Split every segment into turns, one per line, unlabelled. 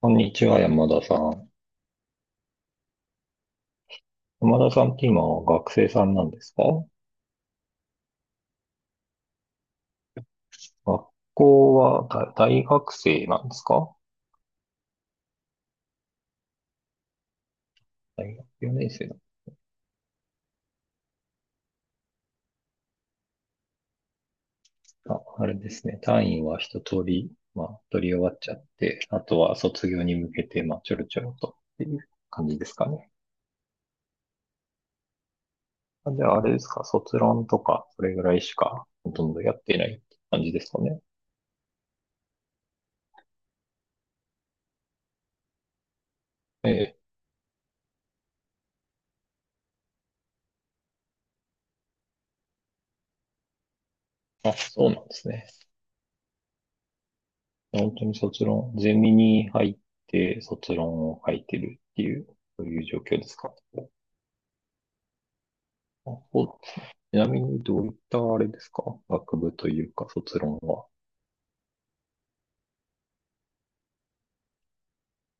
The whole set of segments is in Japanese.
こんにちは、山田さん。山田さんって今は学生さんなんですか？学校は大学生なんですか？大学4年生だ。あ、あれですね。単位は一通り、まあ、取り終わっちゃって、あとは卒業に向けて、まあ、ちょろちょろとっていう感じですかね。あ、じゃあ、あれですか、卒論とか、それぐらいしか、ほとんどやってないって感じですかね。ええ。あ、そうなんですね。本当に卒論、ゼミに入って卒論を書いてるっていう、そういう状況ですか？お、ちなみにどういったあれですか？学部というか卒論は。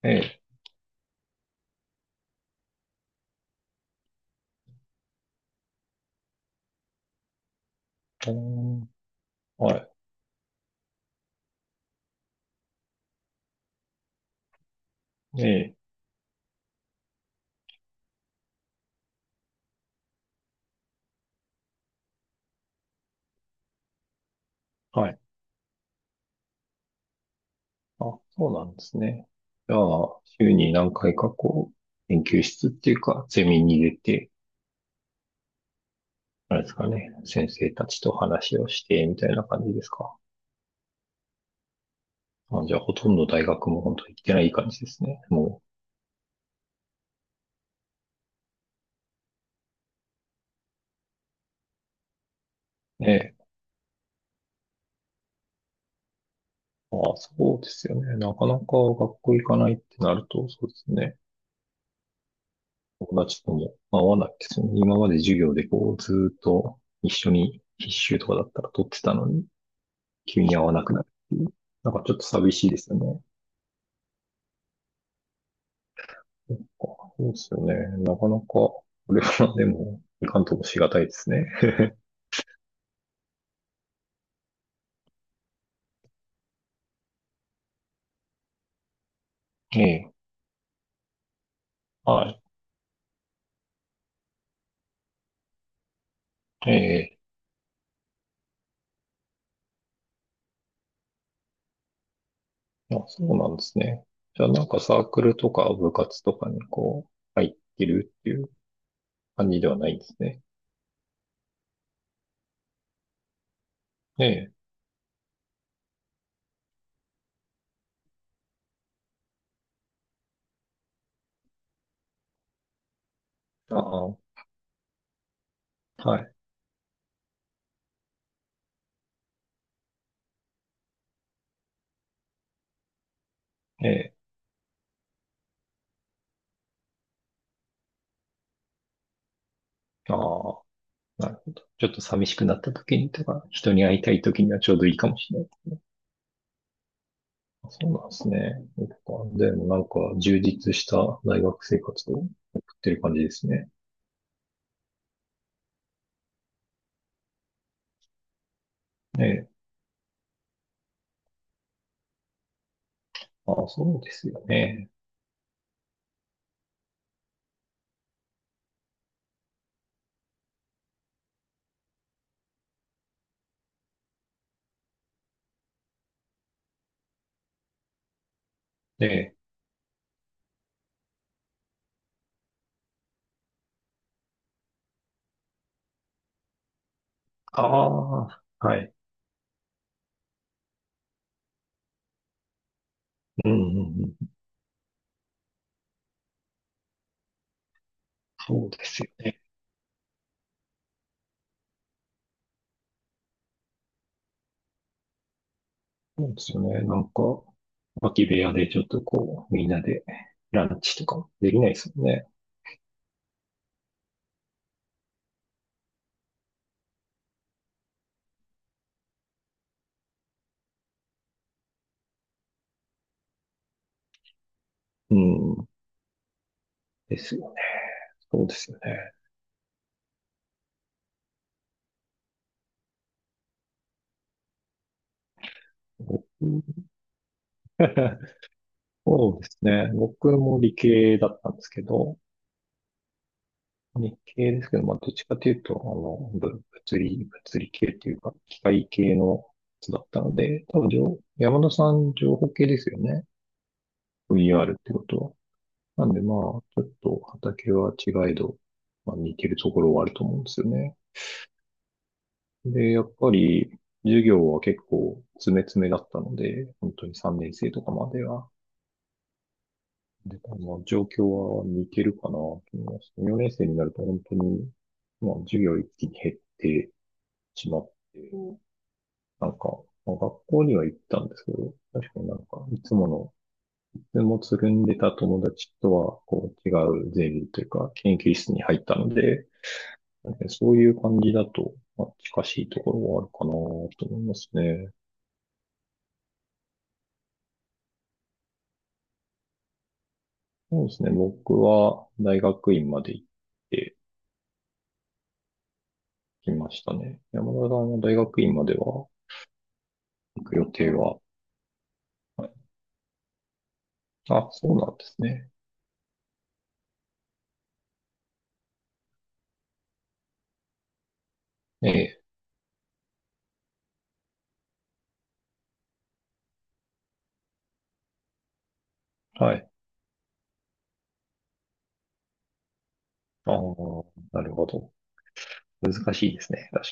ええ。うーん。はい。ええ。はい。あ、そうなんですね。じゃあ、週に何回かこう、研究室っていうか、ゼミに出て、あれですかね、先生たちと話をして、みたいな感じですか？あ、じゃあ、ほとんど大学も本当に行ってない感じですね。ええ。ああ、そうですよね。なかなか学校行かないってなると、そうですね。友達とも合わないですよね。今まで授業でこう、ずーっと一緒に必修とかだったら取ってたのに、急に合わなくなるっていう。なんかちょっと寂しいですよね。そっか、そうですよね。なかなか、これは でも、いかんともしがたいですね。ええ、はい。ええ、あ、そうなんですね。じゃあなんかサークルとか部活とかにこう、入ってるっていう感じではないんですね。ええ。ああ、はい。ええ、ああ、なるほど。ちょっと寂しくなった時にとか、人に会いたい時にはちょうどいいかもしれないですね。そうなんですね。そっか、でもなんか充実した大学生活を送ってる感じですね。ええ、ああ、そうですよね。ええ、ああ、はい。うん、うん、うん。そうですよね。そうですよね。なんか、空き部屋でちょっとこう、みんなでランチとかできないですよね。うん。ですよね。そうですよね。僕 そうですね。僕も理系だったんですけど、理系ですけど、まあ、どっちかというと、あの、ぶ物理、物理系っていうか、機械系のやつだったので、多分山田さん情報系ですよね。VR ってことは。なんでまあ、ちょっと畑は違いど、まあ、似てるところはあると思うんですよね。で、やっぱり、授業は結構詰め詰めだったので、本当に3年生とかまでは、で、まあ、状況は似てるかなと思います。4年生になると本当に、まあ、授業一気に減ってしまって、うん、なんか、まあ、学校には行ったんですけど、確かになんか、いつもつるんでた友達とは、こう、違うゼミというか、研究室に入ったので、なんか、ね、そういう感じだと、まあ、近しいところはあるかなと思いますね。そうですね。僕は大学院まで行ってきましたね。山田さんは大学院までは行く予定は。はい。あ、そうなんですね。ええ、はい。ああ、なるほど。難しいですね。確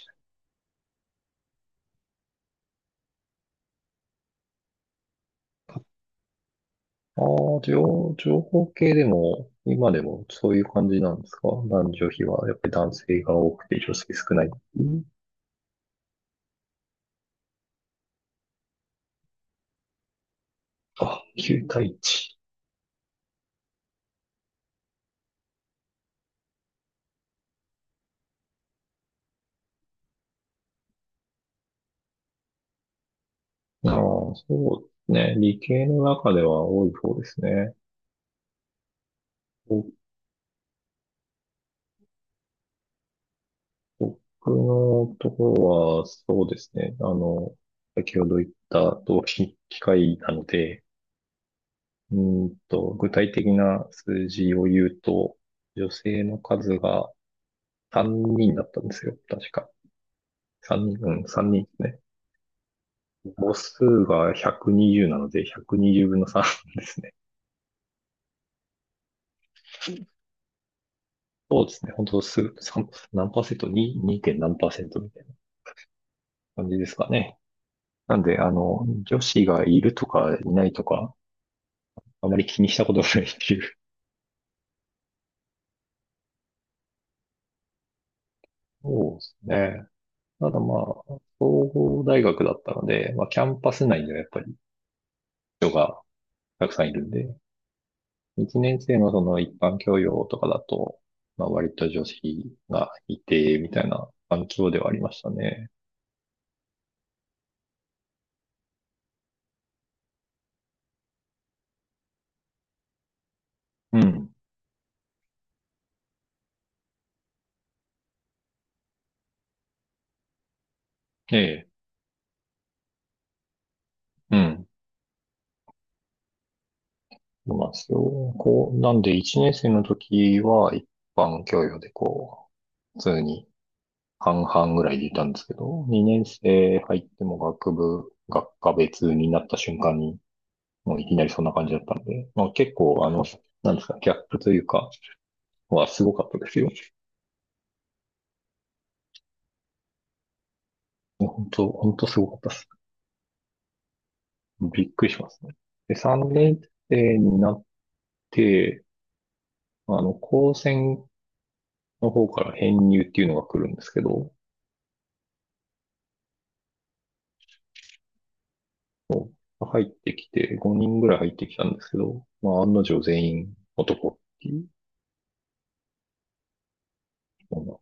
かに。ああ、情報系でも、今でもそういう感じなんですか？男女比は、やっぱり男性が多くて女性少ない。うん、あ、9対1。ああ、そうですね。理系の中では多い方ですね。ぼ僕のところは、そうですね。あの、先ほど言った同期機械なので、うー具体的な数字を言うと、女性の数が3人だったんですよ。確か。3人、うん、人ですね。母数が120なので、120分の3ですね。そうですね。本当す、さん何パーセント？ 2、2. 点何パーセントみたいな感じですかね。なんで、あの、女子がいるとかいないとか、あまり気にしたことがないっていう。そうですね。ただまあ、総合大学だったので、まあ、キャンパス内ではやっぱり人がたくさんいるんで、1年生のその一般教養とかだと、まあ、割と女子がいて、みたいな環境ではありましたね。うん。ええ。うん。そうなんですよ。こう、なんで1年生の時は一般教養でこう、普通に半々ぐらいでいたんですけど、2年生入っても学部、学科別になった瞬間に、もういきなりそんな感じだったんで、まあ結構あの、なんですか、ギャップというか、はすごかったですよ。本当すごかったです。びっくりしますね。で、3年生になって、あの、高専の方から編入っていうのが来るんですけど、もう入ってきて、5人ぐらい入ってきたんですけど、まあ、案の定全員男っていうの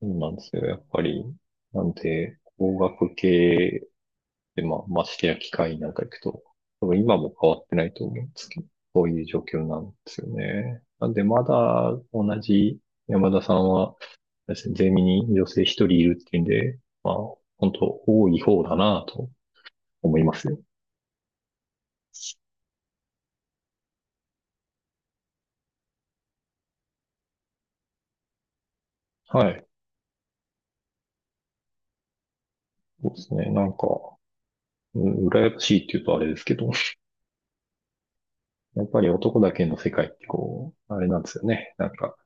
なもんなんですよ、やっぱり。なんで、工学系で、まあ、ましてや機械なんか行くと、多分今も変わってないと思うんですけど、そういう状況なんですよね。なんで、まだ同じ、山田さんは、ですね、ゼミに女性一人いるっていうんで、まあ、本当多い方だなと思いますよ。はい。そうですね。なんか、羨ましいって言うとあれですけど、やっぱり男だけの世界ってこう、あれなんですよね。なんか、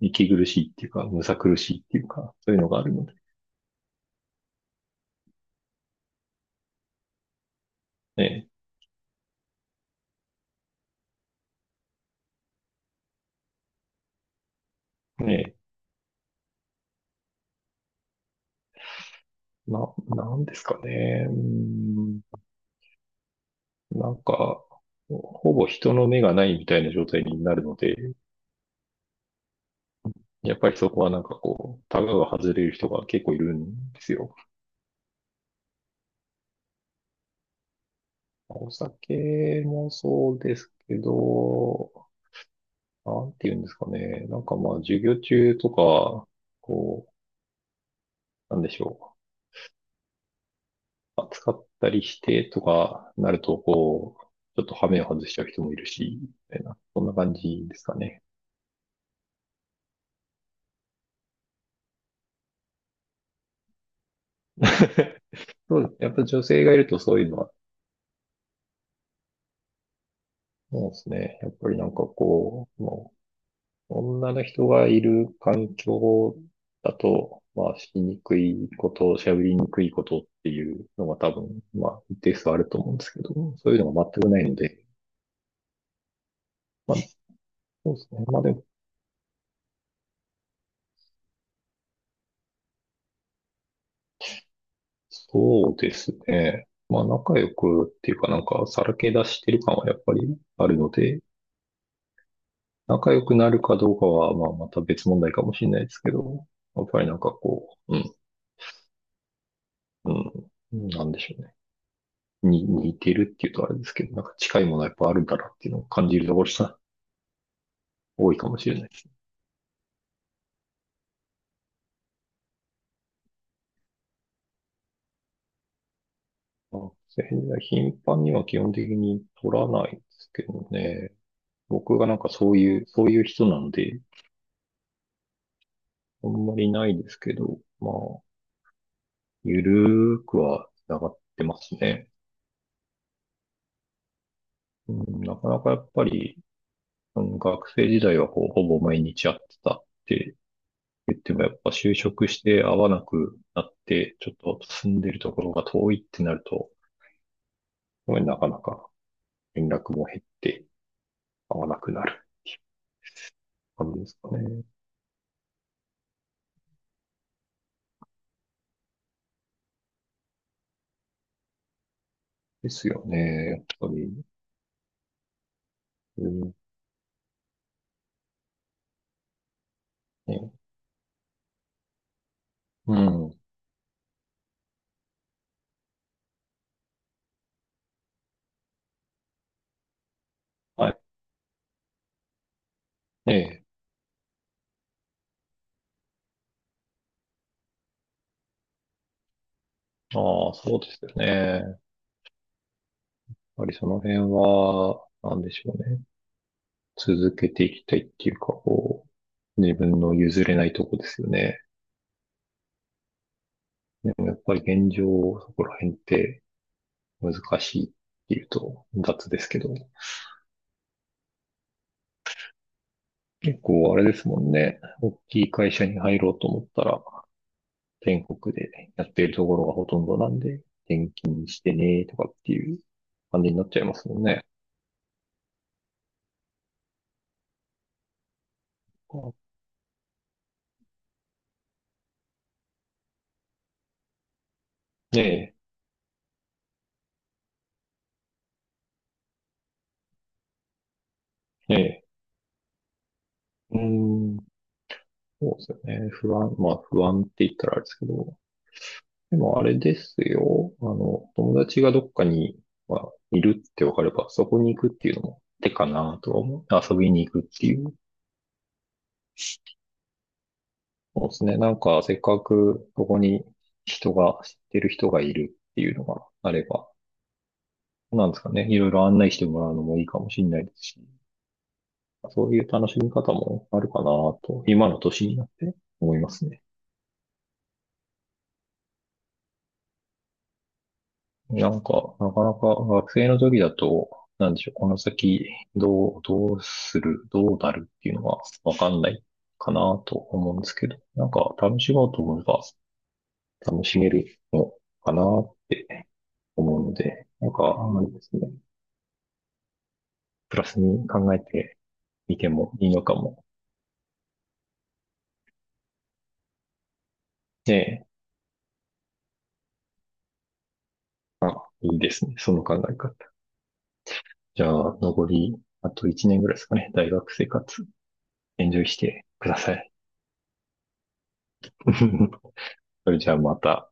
息苦しいっていうか、むさ苦しいっていうか、そういうのがあるので。ねえ、ねえ、なんですかね。うん、なんか、ほぼ人の目がないみたいな状態になるので、やっぱりそこはなんかこう、タガが外れる人が結構いるんですよ。お酒もそうですけど、なんて言うんですかね。なんかまあ、授業中とか、こう、なんでしょう。暑かったりしてとかなると、こう、ちょっと羽目を外しちゃう人もいるし、みたいな、そんな感じですかね。そうです。やっぱ女性がいるとそういうのは、そうですね。やっぱりなんかこう、もう女の人がいる環境だと、まあ、しにくいこと、しゃべりにくいことっていうのが多分、まあ、一定数あると思うんですけど、そういうのが全くないので、まあ、そうですね。まあでも、そうですね。まあ、仲良くっていうかなんか、さらけ出してる感はやっぱりあるので、仲良くなるかどうかは、まあ、また別問題かもしれないですけど、やっぱりなんかこう、うん、うん、なんでしょうね。に似てるっていうとあれですけど、なんか近いものはやっぱあるんだなっていうのを感じるところが多いかもしれないですね。頻繁には基本的に取らないですけどね。僕がなんかそういう人なんで、あんまりないですけど、まあ、ゆるーくは繋がってますね。うん、なかなかやっぱり、学生時代はこうほぼ毎日会ってたって言っても、やっぱ就職して会わなくなって、ちょっと住んでるところが遠いってなると、なかなか連絡も減って会わなくなる感じですかね。ですよね。本当に。うん。ね。うん。はい。ええ。ああ、そうですよね。やっぱりその辺は、なんでしょうね。続けていきたいっていうか、こう、自分の譲れないとこですよね。でもやっぱり現状、そこら辺って難しいっていうと雑ですけど、結構あれですもんね。大きい会社に入ろうと思ったら、全国でやっているところがほとんどなんで、転勤してねとかっていう感じになっちゃいますもんね。ねえ、ねえ。うーん、そうですよね。不安、まあ不安って言ったらあれですけど、でもあれですよ。あの、友達がどっかに、まあ、いるってわかれば、そこに行くっていうのも手かなとは思う。遊びに行くっていう。そうですね。なんか、せっかくそこに知ってる人がいるっていうのがあれば、なんですかね。いろいろ案内してもらうのもいいかもしれないですし、そういう楽しみ方もあるかなと、今の年になって思いますね。なんか、なかなか学生の時だと、なんでしょう、この先、どうする、どうなるっていうのがわかんないかなと思うんですけど、なんか楽しもうと思えば楽しめるのかなって思うので、なんか、あれですね、プラスに考えてみてもいいのかも。ねえ、いいですね、その考え方。じゃあ、残り、あと1年ぐらいですかね。大学生活、エンジョイしてください。それじゃあまた。